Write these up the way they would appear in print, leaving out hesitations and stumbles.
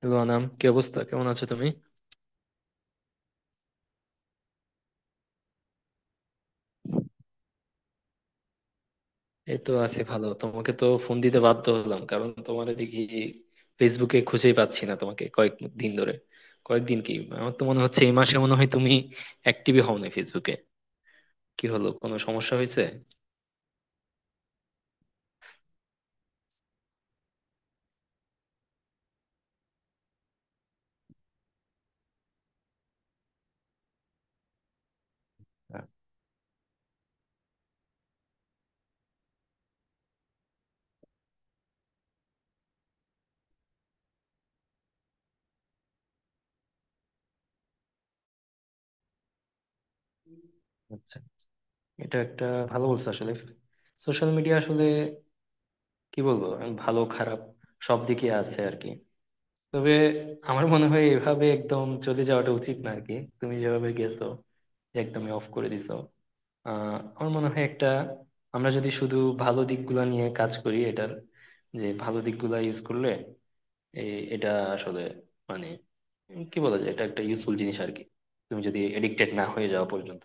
Hello Anam, কি অবস্থা? কেমন আছো তুমি? এই তো আছি ভালো। তোমাকে তো ফোন দিতে বাধ্য হলাম কারণ তোমার দেখি ফেসবুকে খুঁজেই পাচ্ছি না তোমাকে কয়েক দিন ধরে। কয়েকদিন কি, আমার তো মনে হচ্ছে এই মাসে মনে হয় তুমি অ্যাক্টিভই হও না ফেসবুকে। কি হলো, কোনো সমস্যা হয়েছে? আহ, আচ্ছা। এটা একটা ভালো বলছো আসলে। সোশ্যাল মিডিয়া আসলে কি বলবো, আমি ভালো খারাপ সব দিকে আছে আর কি। তবে আমার মনে হয় এভাবে একদম চলে যাওয়াটা উচিত না আর কি, তুমি যেভাবে গেছো, যে একদমই অফ করে দিছো। আমার মনে হয় একটা, আমরা যদি শুধু ভালো দিকগুলো নিয়ে কাজ করি এটার, যে ভালো দিকগুলো ইউজ করলে এই এটা আসলে মানে কি বলা যায়, এটা একটা ইউজফুল জিনিস আর কি, তুমি যদি এডিক্টেড না হয়ে যাওয়া পর্যন্ত।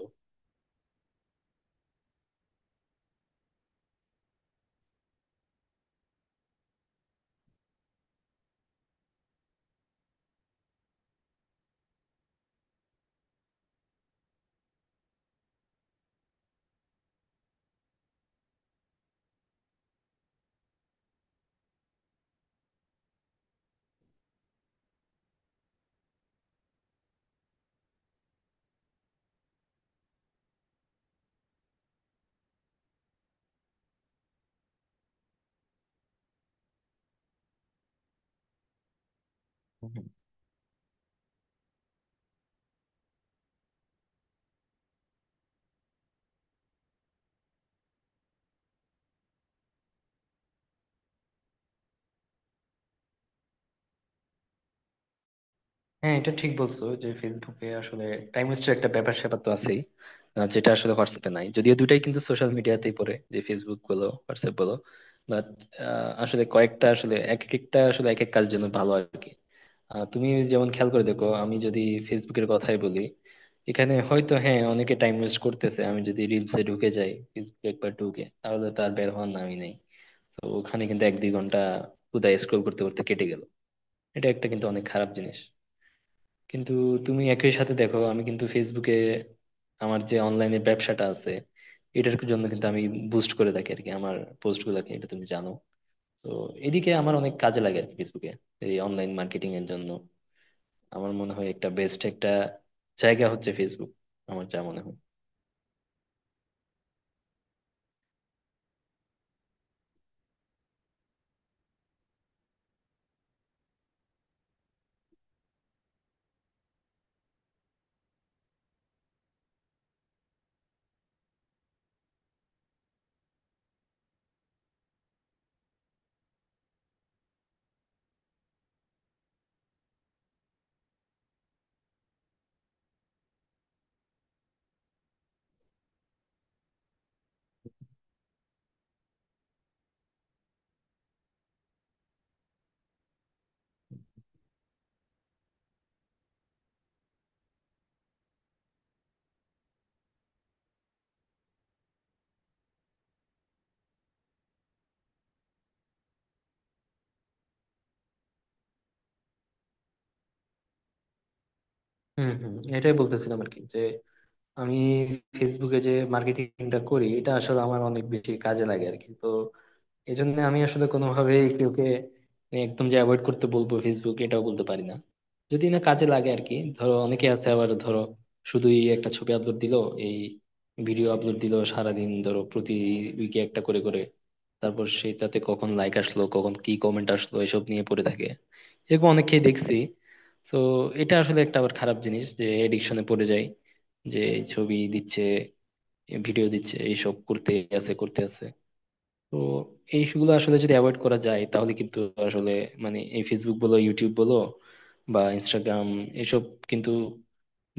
হুম। হ্যাঁ, এটা ঠিক বলছো যে ফেসবুকে আসলে টাইম ওয়েস্টের একটা ব্যাপার স্যাপার তো আছেই। যেটা আসলে হোয়াটসঅ্যাপে নাই, যদিও দুটাই কিন্তু সোশ্যাল মিডিয়াতেই পড়ে, যে ফেসবুক বলো হোয়াটসঅ্যাপ বলো। বাট আসলে কয়েকটা আসলে এক একটা আসলে এক এক কাজ জন্য ভালো আর কি। তুমি যেমন খেয়াল করে দেখো, আমি যদি ফেসবুকের কথাই বলি, এখানে হয়তো হ্যাঁ অনেকে টাইম ওয়েস্ট করতেছে। আমি যদি রিলসে ঢুকে যাই ফেসবুকে একবার ঢুকে তাহলে তো আর বের হওয়ার নামই নেই। তো ওখানে কিন্তু এক দুই ঘন্টা কোথায় স্ক্রোল করতে করতে কেটে গেল। এটা একটা কিন্তু অনেক খারাপ জিনিস। কিন্তু তুমি একই সাথে দেখো, আমি কিন্তু ফেসবুকে, আমার যে অনলাইনে ব্যবসাটা আছে এটার জন্য কিন্তু আমি বুস্ট করে থাকি আর কি, আমার পোস্ট গুলাকে, এটা তুমি জানো। তো এদিকে আমার অনেক কাজে লাগে আর কি ফেসবুকে, এই অনলাইন মার্কেটিং এর জন্য। আমার মনে হয় একটা বেস্ট একটা জায়গা হচ্ছে ফেসবুক, আমার যা মনে হয়। হম হম, এটাই বলতেছিলাম আর কি, যে আমি ফেসবুকে যে মার্কেটিংটা করি এটা আসলে আমার অনেক বেশি কাজে লাগে আর কি। তো এই জন্য আমি আসলে কোনোভাবে কেউকে একদম যে অ্যাভয়েড করতে বলবো ফেসবুক এটাও বলতে পারি না, যদি না কাজে লাগে আর কি। ধরো অনেকে আছে আবার, ধরো শুধুই একটা ছবি আপলোড দিলো, এই ভিডিও আপলোড দিলো সারাদিন, ধরো প্রতি উইকে একটা করে করে, তারপর সেটাতে কখন লাইক আসলো কখন কি কমেন্ট আসলো এসব নিয়ে পড়ে থাকে। এরকম অনেককেই দেখছি। তো এটা আসলে একটা আবার খারাপ জিনিস, যে এডিকশনে পড়ে যায়, যে এই ছবি দিচ্ছে ভিডিও দিচ্ছে এইসব করতে আছে করতে আছে। তো এইগুলো আসলে যদি অ্যাভয়েড করা যায় তাহলে কিন্তু আসলে মানে এই ফেসবুক বলো ইউটিউব বলো বা ইনস্টাগ্রাম এসব কিন্তু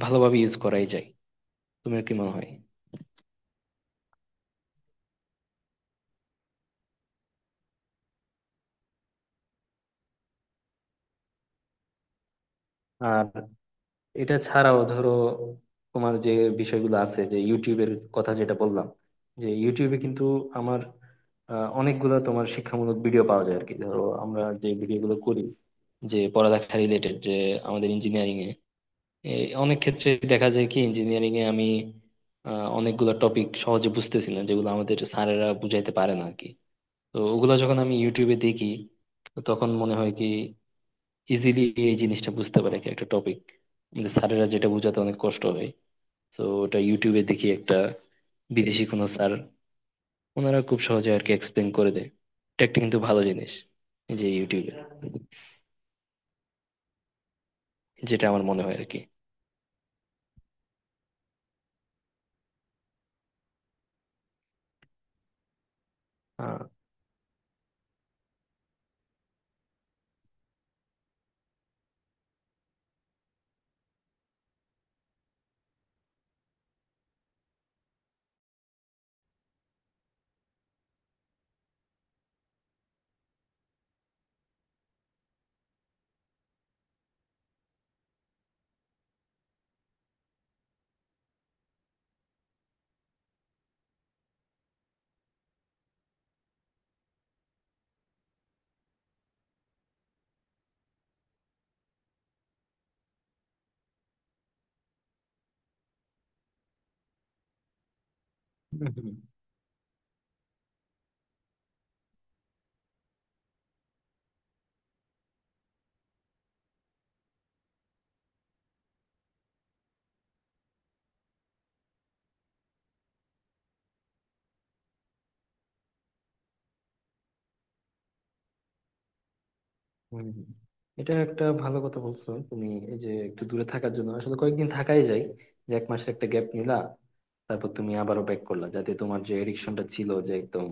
ভালোভাবে ইউজ করাই যায়। তোমার কি মনে হয়? আর এটা ছাড়াও ধরো তোমার যে বিষয়গুলো আছে, যে ইউটিউবের কথা যেটা বললাম, যে ইউটিউবে কিন্তু আমার অনেকগুলো তোমার শিক্ষামূলক ভিডিও পাওয়া যায় আর কি। ধরো আমরা যে ভিডিওগুলো করি, যে পড়ালেখা রিলেটেড, যে আমাদের ইঞ্জিনিয়ারিং এ এই অনেক ক্ষেত্রে দেখা যায় কি, ইঞ্জিনিয়ারিং এ আমি অনেকগুলো টপিক সহজে বুঝতেছি না যেগুলো আমাদের স্যারেরা বুঝাইতে পারে না আর কি। তো ওগুলা যখন আমি ইউটিউবে দেখি তো তখন মনে হয় কি ইজিলি এই জিনিসটা বুঝতে পারে কি একটা টপিক, কিন্তু স্যারেরা যেটা বোঝাতে অনেক কষ্ট হয়। তো ওটা ইউটিউবে দেখি একটা বিদেশি কোনো স্যার, ওনারা খুব সহজে আর কি এক্সপ্লেন করে দেয়। এটা একটা কিন্তু ভালো জিনিস, এই যে ইউটিউবে, যেটা আমার মনে হয় আর কি। আহ, হুম হুম। হুম হুম। এটা একটা ভালো কথা বলছো তুমি। এই যে একটু দূরে থাকার জন্য আসলে কয়েকদিন থাকাই যায়, যে এক মাসের একটা গ্যাপ নিলা, তারপর তুমি আবারও ব্যাক করলা, যাতে তোমার যে এডিকশনটা ছিল যে একদম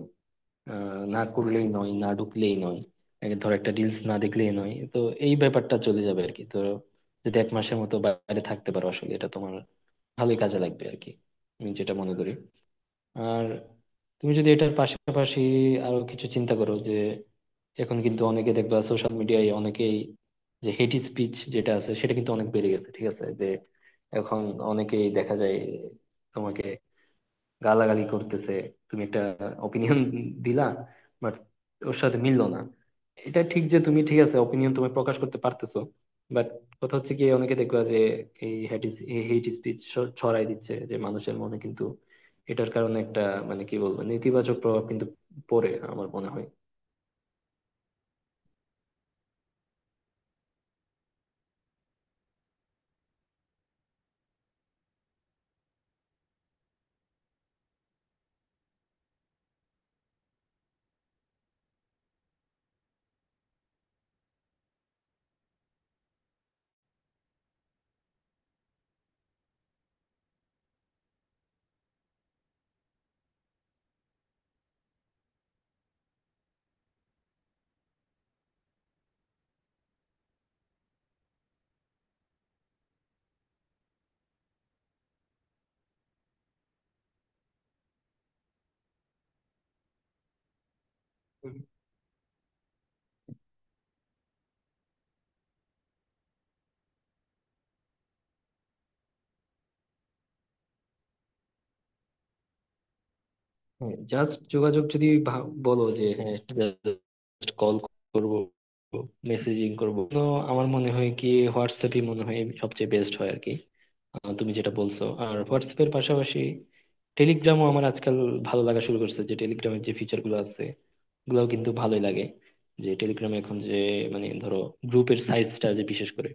আ না করলেই নয়, না ঢুকলেই নয়। এ ধর একটা রিলস না দেখলেই নয়। তো এই ব্যাপারটা চলে যাবে আরকি। তো যদি ১ মাসের মতো বাইরে থাকতে পারো আসলে এটা তোমার ভালোই কাজে লাগবে আরকি, আমি যেটা মনে করি। আর তুমি যদি এটার পাশাপাশি আরো কিছু চিন্তা করো, যে এখন কিন্তু অনেকে দেখবা সোশ্যাল মিডিয়ায় অনেকেই যে হেট স্পিচ যেটা আছে সেটা কিন্তু অনেক বেড়ে গেছে। ঠিক আছে? যে এখন অনেকেই দেখা যায় তোমাকে গালাগালি করতেছে, তুমি একটা অপিনিয়ন দিলা বাট ওর সাথে মিললো না। এটা ঠিক যে তুমি ঠিক আছে অপিনিয়ন তুমি প্রকাশ করতে পারতেছো, বাট কথা হচ্ছে কি, অনেকে দেখবা যে এই হেট স্পিচ ছড়াই দিচ্ছে, যে মানুষের মনে কিন্তু এটার কারণে একটা মানে কি বলবো নেতিবাচক প্রভাব কিন্তু পড়ে আমার মনে হয়। জাস্ট যোগাযোগ যদি বলো যে হ্যাঁ, জাস্ট কল করব, মেসেজিং করব, তো আমার মনে হয় কি হোয়াটসঅ্যাপই মনে হয় সবচেয়ে বেস্ট হয় আর কি। তুমি যেটা বলছো, আর হোয়াটসঅ্যাপের পাশাপাশি টেলিগ্রামও আমার আজকাল ভালো লাগা শুরু করছে, যে টেলিগ্রামের যে ফিচার গুলো আছে ওগুলাও কিন্তু ভালোই লাগে। যে টেলিগ্রামে এখন যে মানে ধরো গ্রুপের সাইজটা যে বিশেষ করে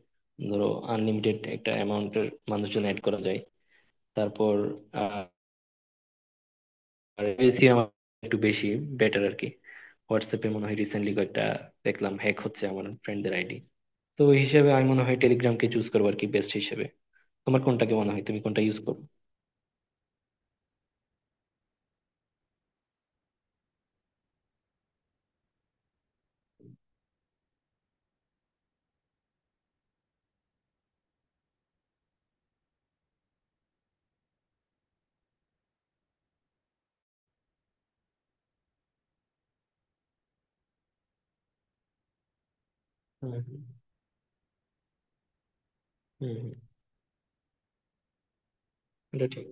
ধরো আনলিমিটেড একটা অ্যামাউন্টের মানুষজন অ্যাড করা যায়। তারপর আর বেশি আমার একটু বেশি বেটার আর কি। হোয়াটসঅ্যাপে মনে হয় রিসেন্টলি কয়েকটা দেখলাম হ্যাক হচ্ছে আমার ফ্রেন্ডদের আইডি। তো ওই হিসেবে আমি মনে হয় টেলিগ্রামকে চুজ করবো আর কি, বেস্ট হিসেবে। তোমার কোনটাকে মনে হয়, তুমি কোনটা ইউজ করো? হুম হুম। হুম হুম। এটা ঠিক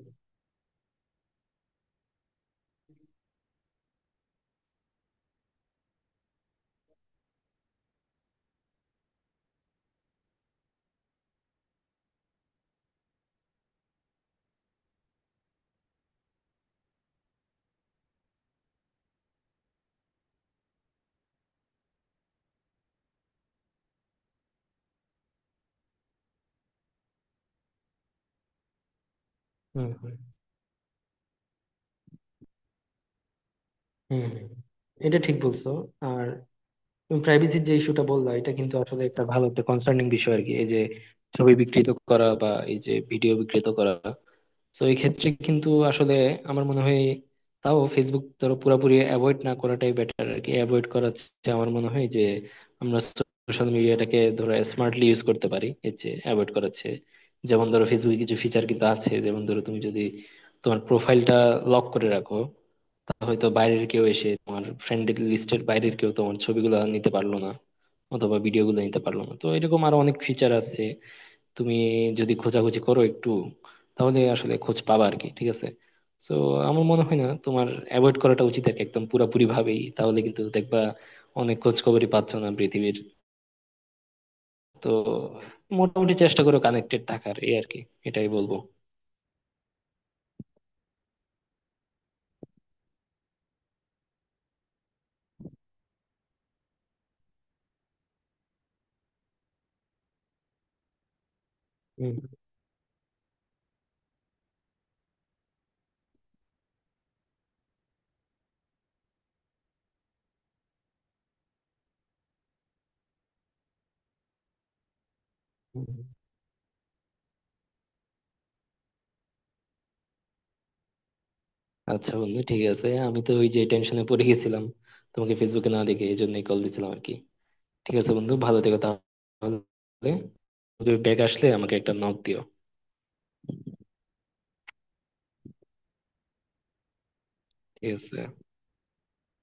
হুম হুম হুম হুম এটা ঠিক বলছো। আর তুমি প্রাইভেসির যে ইস্যুটা বললা, এটা কিন্তু আসলে একটা ভালো একটা কনসার্নিং বিষয় আর কি, এই যে ছবি বিকৃত করা বা এই যে ভিডিও বিকৃত করা। তো এই ক্ষেত্রে কিন্তু আসলে আমার মনে হয় তাও ফেসবুক ধরো পুরোপুরি অ্যাভয়েড না করাটাই বেটার আর কি। অ্যাভয়েড করা হচ্ছে আমার মনে হয় যে আমরা সোশ্যাল মিডিয়াটাকে ধরো স্মার্টলি ইউজ করতে পারি এর চেয়ে অ্যাভয়েড করাচ্ছে। যেমন ধরো ফেসবুকে কিছু ফিচার কিন্তু আছে, যেমন ধরো তুমি যদি তোমার প্রোফাইলটা লক করে রাখো, তা হয়তো বাইরের কেউ এসে তোমার ফ্রেন্ডের লিস্টের বাইরের কেউ তোমার ছবিগুলো নিতে পারলো না অথবা ভিডিওগুলো নিতে পারলো না। তো এরকম আরো অনেক ফিচার আছে, তুমি যদি খোঁজাখুঁজি করো একটু তাহলে আসলে খোঁজ পাবা আর কি। ঠিক আছে? তো আমার মনে হয় না তোমার অ্যাভয়েড করাটা উচিত আর কি, একদম পুরাপুরি ভাবেই, তাহলে কিন্তু দেখবা অনেক খোঁজ খবরই পাচ্ছ না পৃথিবীর। তো মোটামুটি চেষ্টা করো কানেক্টেড থাকার এই আর কি, এটাই বলবো। হুম। হুম। আচ্ছা বন্ধু, ঠিক আছে, আমি তো ওই যে টেনশনে পড়ে গেছিলাম তোমাকে ফেসবুকে না দেখে, এই জন্যই কল দিছিলাম আর কি। ঠিক আছে বন্ধু, ভালো থেকো তাহলে। ব্যাগ আসলে আমাকে একটা নক দিও। ঠিক আছে।